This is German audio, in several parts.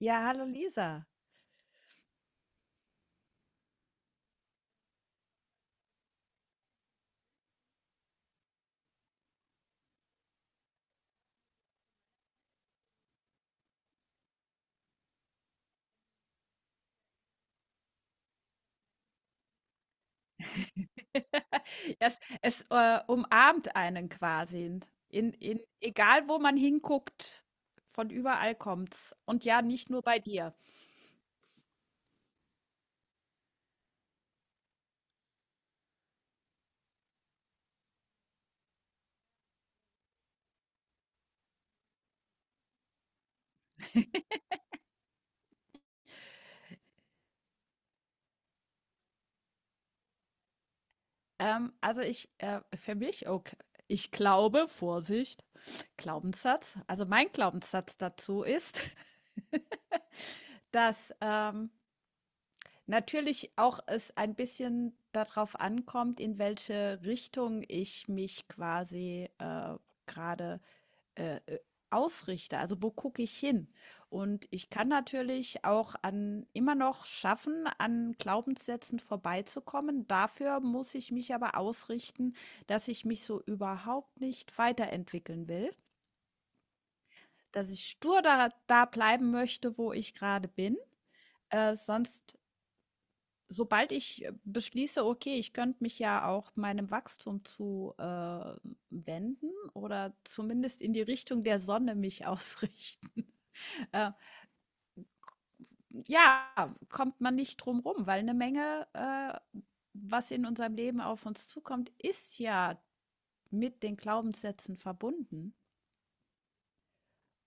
Ja, hallo Lisa. Es umarmt einen quasi. In egal wo man hinguckt, von überall kommt's. Und ja, nicht nur bei dir. Also ich, für mich, okay, ich glaube, Vorsicht, Glaubenssatz, also mein Glaubenssatz dazu ist, dass natürlich auch es ein bisschen darauf ankommt, in welche Richtung ich mich quasi gerade äh, äh, ausrichte. Also wo gucke ich hin? Und ich kann natürlich auch an immer noch schaffen, an Glaubenssätzen vorbeizukommen. Dafür muss ich mich aber ausrichten, dass ich mich so überhaupt nicht weiterentwickeln will, dass ich stur da bleiben möchte, wo ich gerade bin. Äh, sonst, Sobald ich beschließe, okay, ich könnte mich ja auch meinem Wachstum zu wenden oder zumindest in die Richtung der Sonne mich ausrichten. Äh, ja, kommt man nicht drum rum, weil eine Menge, was in unserem Leben auf uns zukommt, ist ja mit den Glaubenssätzen verbunden.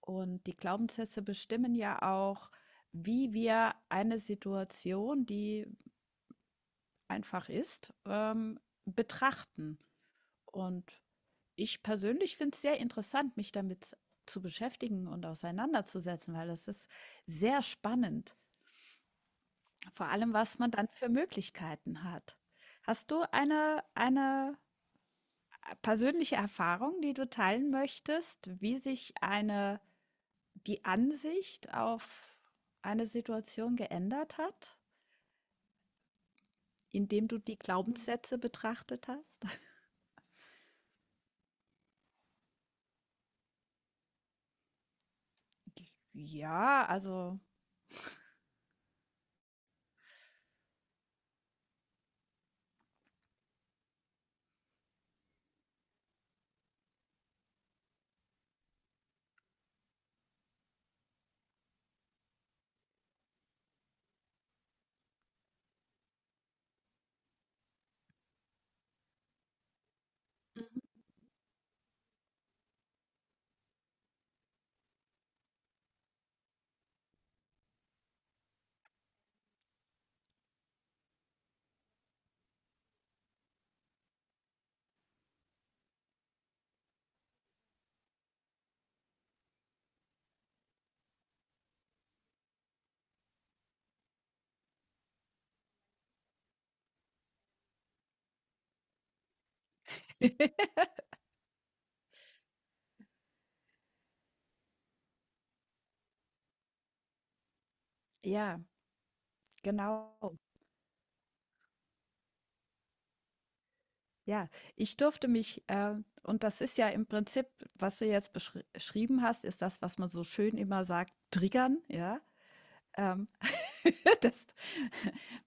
Und die Glaubenssätze bestimmen ja auch, wie wir eine Situation, die einfach ist, betrachten. Und ich persönlich finde es sehr interessant, mich damit zu beschäftigen und auseinanderzusetzen, weil das ist sehr spannend. Vor allem, was man dann für Möglichkeiten hat. Hast du eine persönliche Erfahrung, die du teilen möchtest, wie sich eine die Ansicht auf eine Situation geändert hat, indem du die Glaubenssätze betrachtet hast? Ja, also. Mhm. Ja, genau. Ja, ich durfte mich und das ist ja im Prinzip, was du jetzt beschri schrieben hast, ist das, was man so schön immer sagt, triggern, ja? Ähm, Dass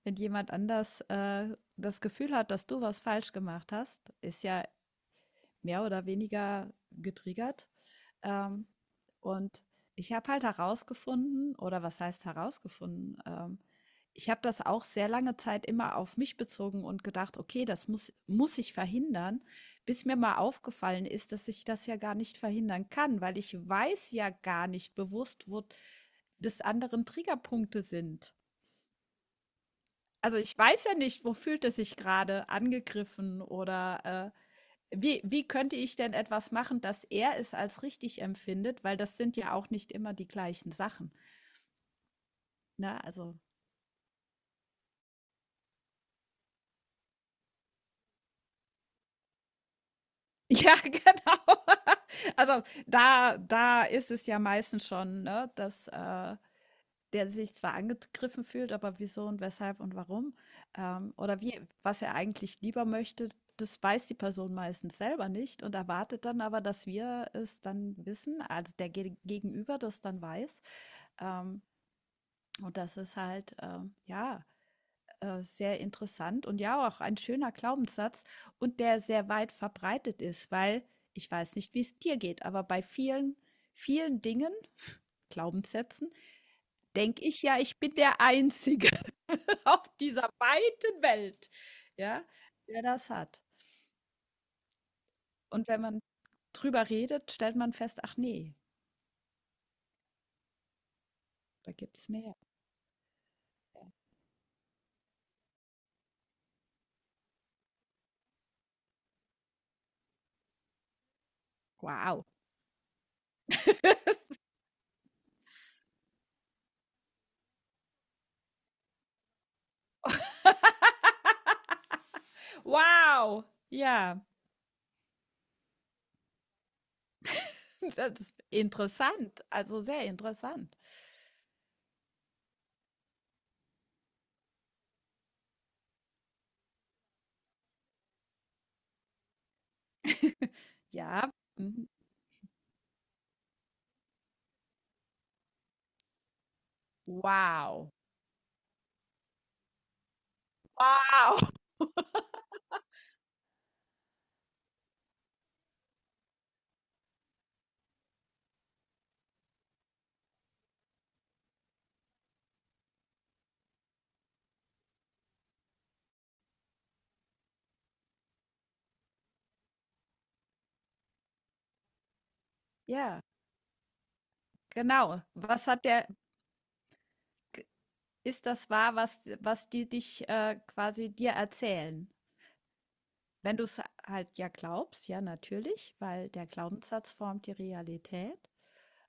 wenn jemand anders das Gefühl hat, dass du was falsch gemacht hast, ist ja mehr oder weniger getriggert. Ähm, und ich habe halt herausgefunden, oder was heißt herausgefunden? Ich habe das auch sehr lange Zeit immer auf mich bezogen und gedacht, okay, das muss, ich verhindern, bis mir mal aufgefallen ist, dass ich das ja gar nicht verhindern kann, weil ich weiß ja gar nicht bewusst, wo des anderen Triggerpunkte sind. Also, ich weiß ja nicht, wo fühlt es sich gerade angegriffen oder, wie könnte ich denn etwas machen, dass er es als richtig empfindet, weil das sind ja auch nicht immer die gleichen Sachen, ne? Also ja, genau. Also, da ist es ja meistens schon, ne, dass der sich zwar angegriffen fühlt, aber wieso und weshalb und warum, oder wie was er eigentlich lieber möchte, das weiß die Person meistens selber nicht und erwartet dann aber, dass wir es dann wissen, also der Ge Gegenüber das dann weiß. Ähm, und das ist halt, sehr interessant und ja, auch ein schöner Glaubenssatz und der sehr weit verbreitet ist, weil ich weiß nicht, wie es dir geht, aber bei vielen, vielen Dingen, Glaubenssätzen, denke ich ja, ich bin der Einzige. Auf dieser weiten Welt, ja, der das hat. Und wenn man drüber redet, stellt man fest, ach nee, da gibt's mehr. Wow. Wow. Ja, das ist interessant. Also sehr interessant. Ja. Mhm. Wow. Wow. Ja, genau. Was hat der, ist das wahr, was, was die dich quasi dir erzählen? Wenn du es halt ja glaubst, ja, natürlich, weil der Glaubenssatz formt die Realität.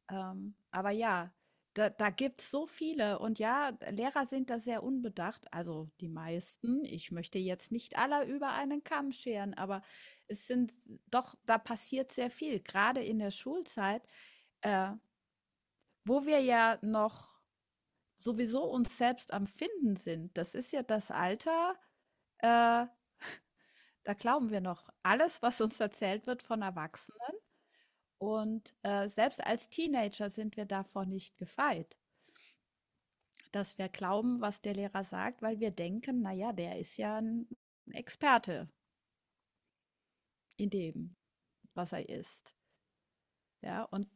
Aber ja, da gibt es so viele. Und ja, Lehrer sind da sehr unbedacht, also die meisten. Ich möchte jetzt nicht aller über einen Kamm scheren, aber es sind doch, da passiert sehr viel, gerade in der Schulzeit, äh, wo wir ja noch sowieso uns selbst am Finden sind. Das ist ja das Alter, äh, da glauben wir noch alles, was uns erzählt wird von Erwachsenen. Und selbst als Teenager sind wir davor nicht gefeit, dass wir glauben, was der Lehrer sagt, weil wir denken, naja, der ist ja ein Experte in dem, was er ist. Ja, und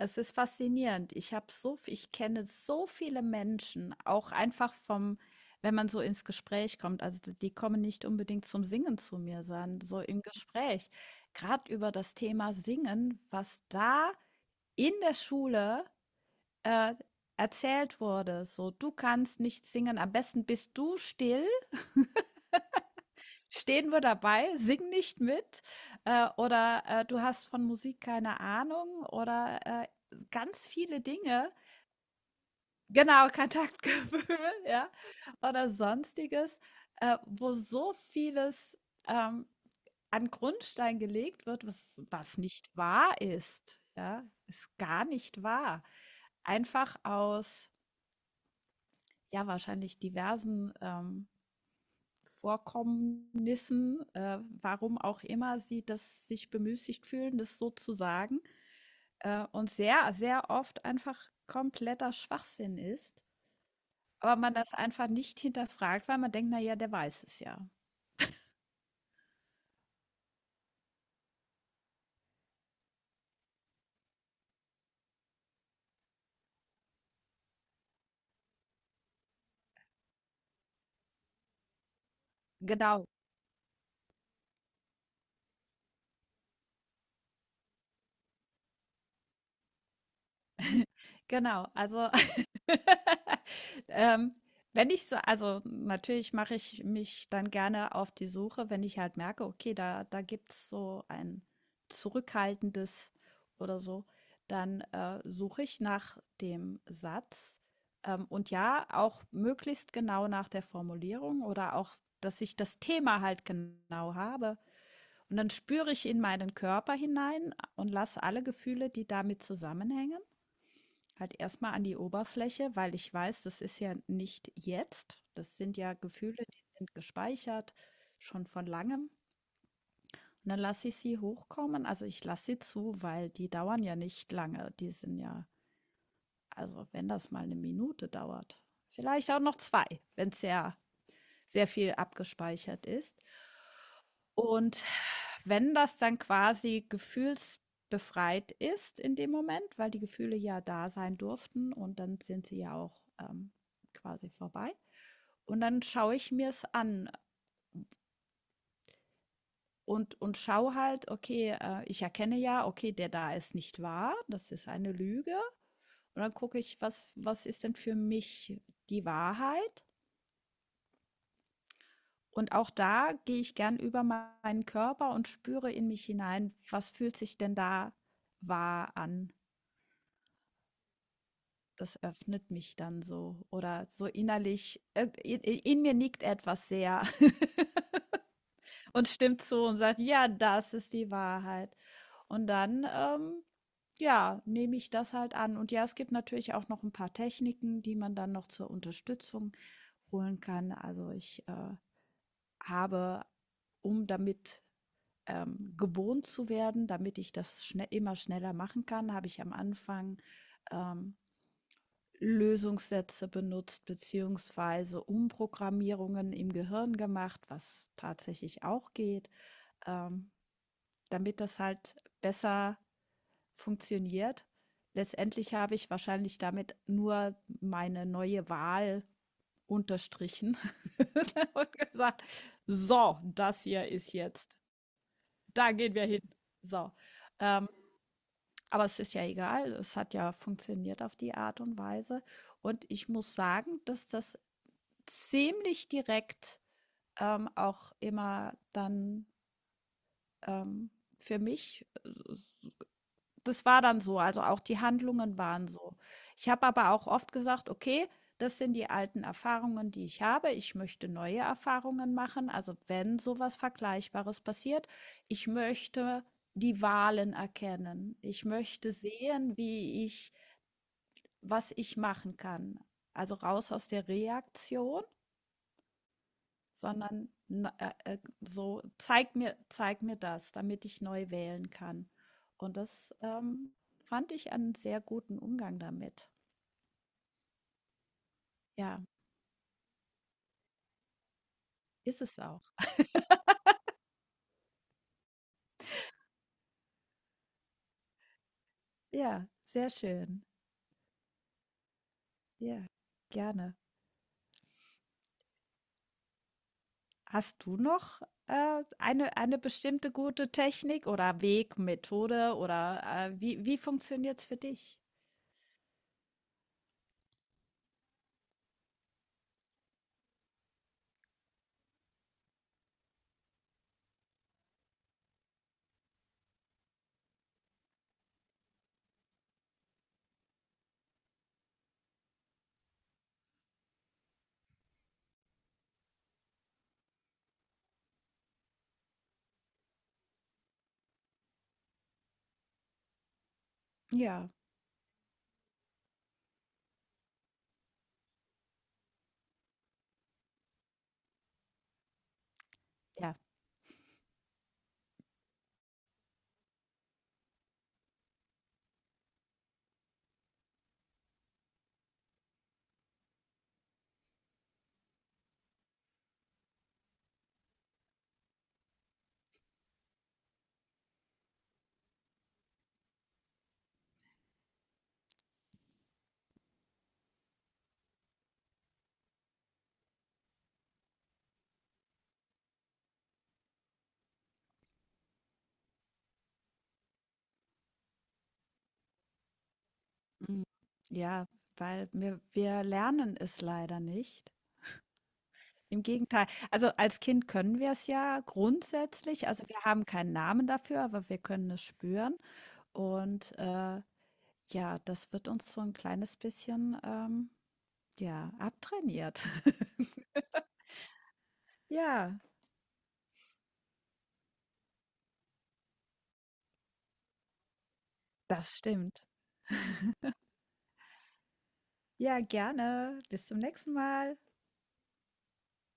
es ist faszinierend. Ich kenne so viele Menschen, auch einfach vom wenn man so ins Gespräch kommt. Also, d die kommen nicht unbedingt zum Singen zu mir, sondern so im Gespräch. Gerade über das Thema Singen, was da in der Schule, äh, erzählt wurde, so: „Du kannst nicht singen, am besten bist du still, stehen wir dabei, sing nicht mit“, oder: „Du hast von Musik keine Ahnung“ oder, ganz viele Dinge. Genau, Kontaktgefühl, ja, oder Sonstiges, wo so vieles, ähm, an Grundstein gelegt wird, was was nicht wahr ist, ja? Ist gar nicht wahr. Einfach aus, ja, wahrscheinlich diversen, Vorkommnissen, warum auch immer sie das sich bemüßigt fühlen, das so zu sagen, und sehr, sehr oft einfach kompletter Schwachsinn ist. Aber man das einfach nicht hinterfragt, weil man denkt, na ja, der weiß es ja. Genau, genau. Also, ähm, wenn ich so, also natürlich mache ich mich dann gerne auf die Suche, wenn ich halt merke, okay, da gibt es so ein zurückhaltendes oder so, dann suche ich nach dem Satz, und ja, auch möglichst genau nach der Formulierung oder auch, dass ich das Thema halt genau habe. Und dann spüre ich in meinen Körper hinein und lasse alle Gefühle, die damit zusammenhängen, halt erstmal an die Oberfläche, weil ich weiß, das ist ja nicht jetzt. Das sind ja Gefühle, die sind gespeichert, schon von langem. Und dann lasse ich sie hochkommen. Also ich lasse sie zu, weil die dauern ja nicht lange. Die sind ja, also wenn das mal eine Minute dauert, vielleicht auch noch zwei, wenn es sehr, sehr viel abgespeichert ist. Und wenn das dann quasi gefühlsbefreit ist in dem Moment, weil die Gefühle ja da sein durften und dann sind sie ja auch quasi vorbei. Und dann schaue ich mir es an und schaue halt, okay, ich erkenne ja, okay, der da ist nicht wahr, das ist eine Lüge. Und dann gucke ich, was ist denn für mich die Wahrheit? Und auch da gehe ich gern über meinen Körper und spüre in mich hinein, was fühlt sich denn da wahr an? Das öffnet mich dann so oder so innerlich, in mir nickt etwas sehr und stimmt zu und sagt, ja, das ist die Wahrheit. Und dann, ja, nehme ich das halt an. Und ja, es gibt natürlich auch noch ein paar Techniken, die man dann noch zur Unterstützung holen kann. Also ich habe, um damit gewohnt zu werden, damit ich das schnell, immer schneller machen kann, habe ich am Anfang ähm, Lösungssätze benutzt, beziehungsweise Umprogrammierungen im Gehirn gemacht, was tatsächlich auch geht, ähm, damit das halt besser funktioniert. Letztendlich habe ich wahrscheinlich damit nur meine neue Wahl unterstrichen und gesagt, so, das hier ist jetzt, da gehen wir hin. So. Ähm, aber es ist ja egal, es hat ja funktioniert auf die Art und Weise. Und ich muss sagen, dass das ziemlich direkt, auch immer dann, ähm, für mich das war dann so, also auch die Handlungen waren so. Ich habe aber auch oft gesagt: „Okay, das sind die alten Erfahrungen, die ich habe. Ich möchte neue Erfahrungen machen. Also, wenn sowas Vergleichbares passiert, ich möchte die Wahlen erkennen. Ich möchte sehen, wie ich was ich machen kann.“ Also, raus aus der Reaktion, sondern so, zeig mir das, damit ich neu wählen kann. Und das fand ich einen sehr guten Umgang damit. Ja, ist es auch. Ja, sehr schön. Ja, gerne. Hast du noch eine bestimmte gute Technik oder Weg, Methode oder wie, wie funktioniert es für dich? Ja, ja. Mm, ja, weil wir lernen es leider nicht. Im Gegenteil. Also, als Kind können wir es ja grundsätzlich. Also, wir haben keinen Namen dafür, aber wir können es spüren. Und, ja, das wird uns so ein kleines bisschen, ja, abtrainiert. Ja, das stimmt. Ja, gerne. Bis zum nächsten Mal.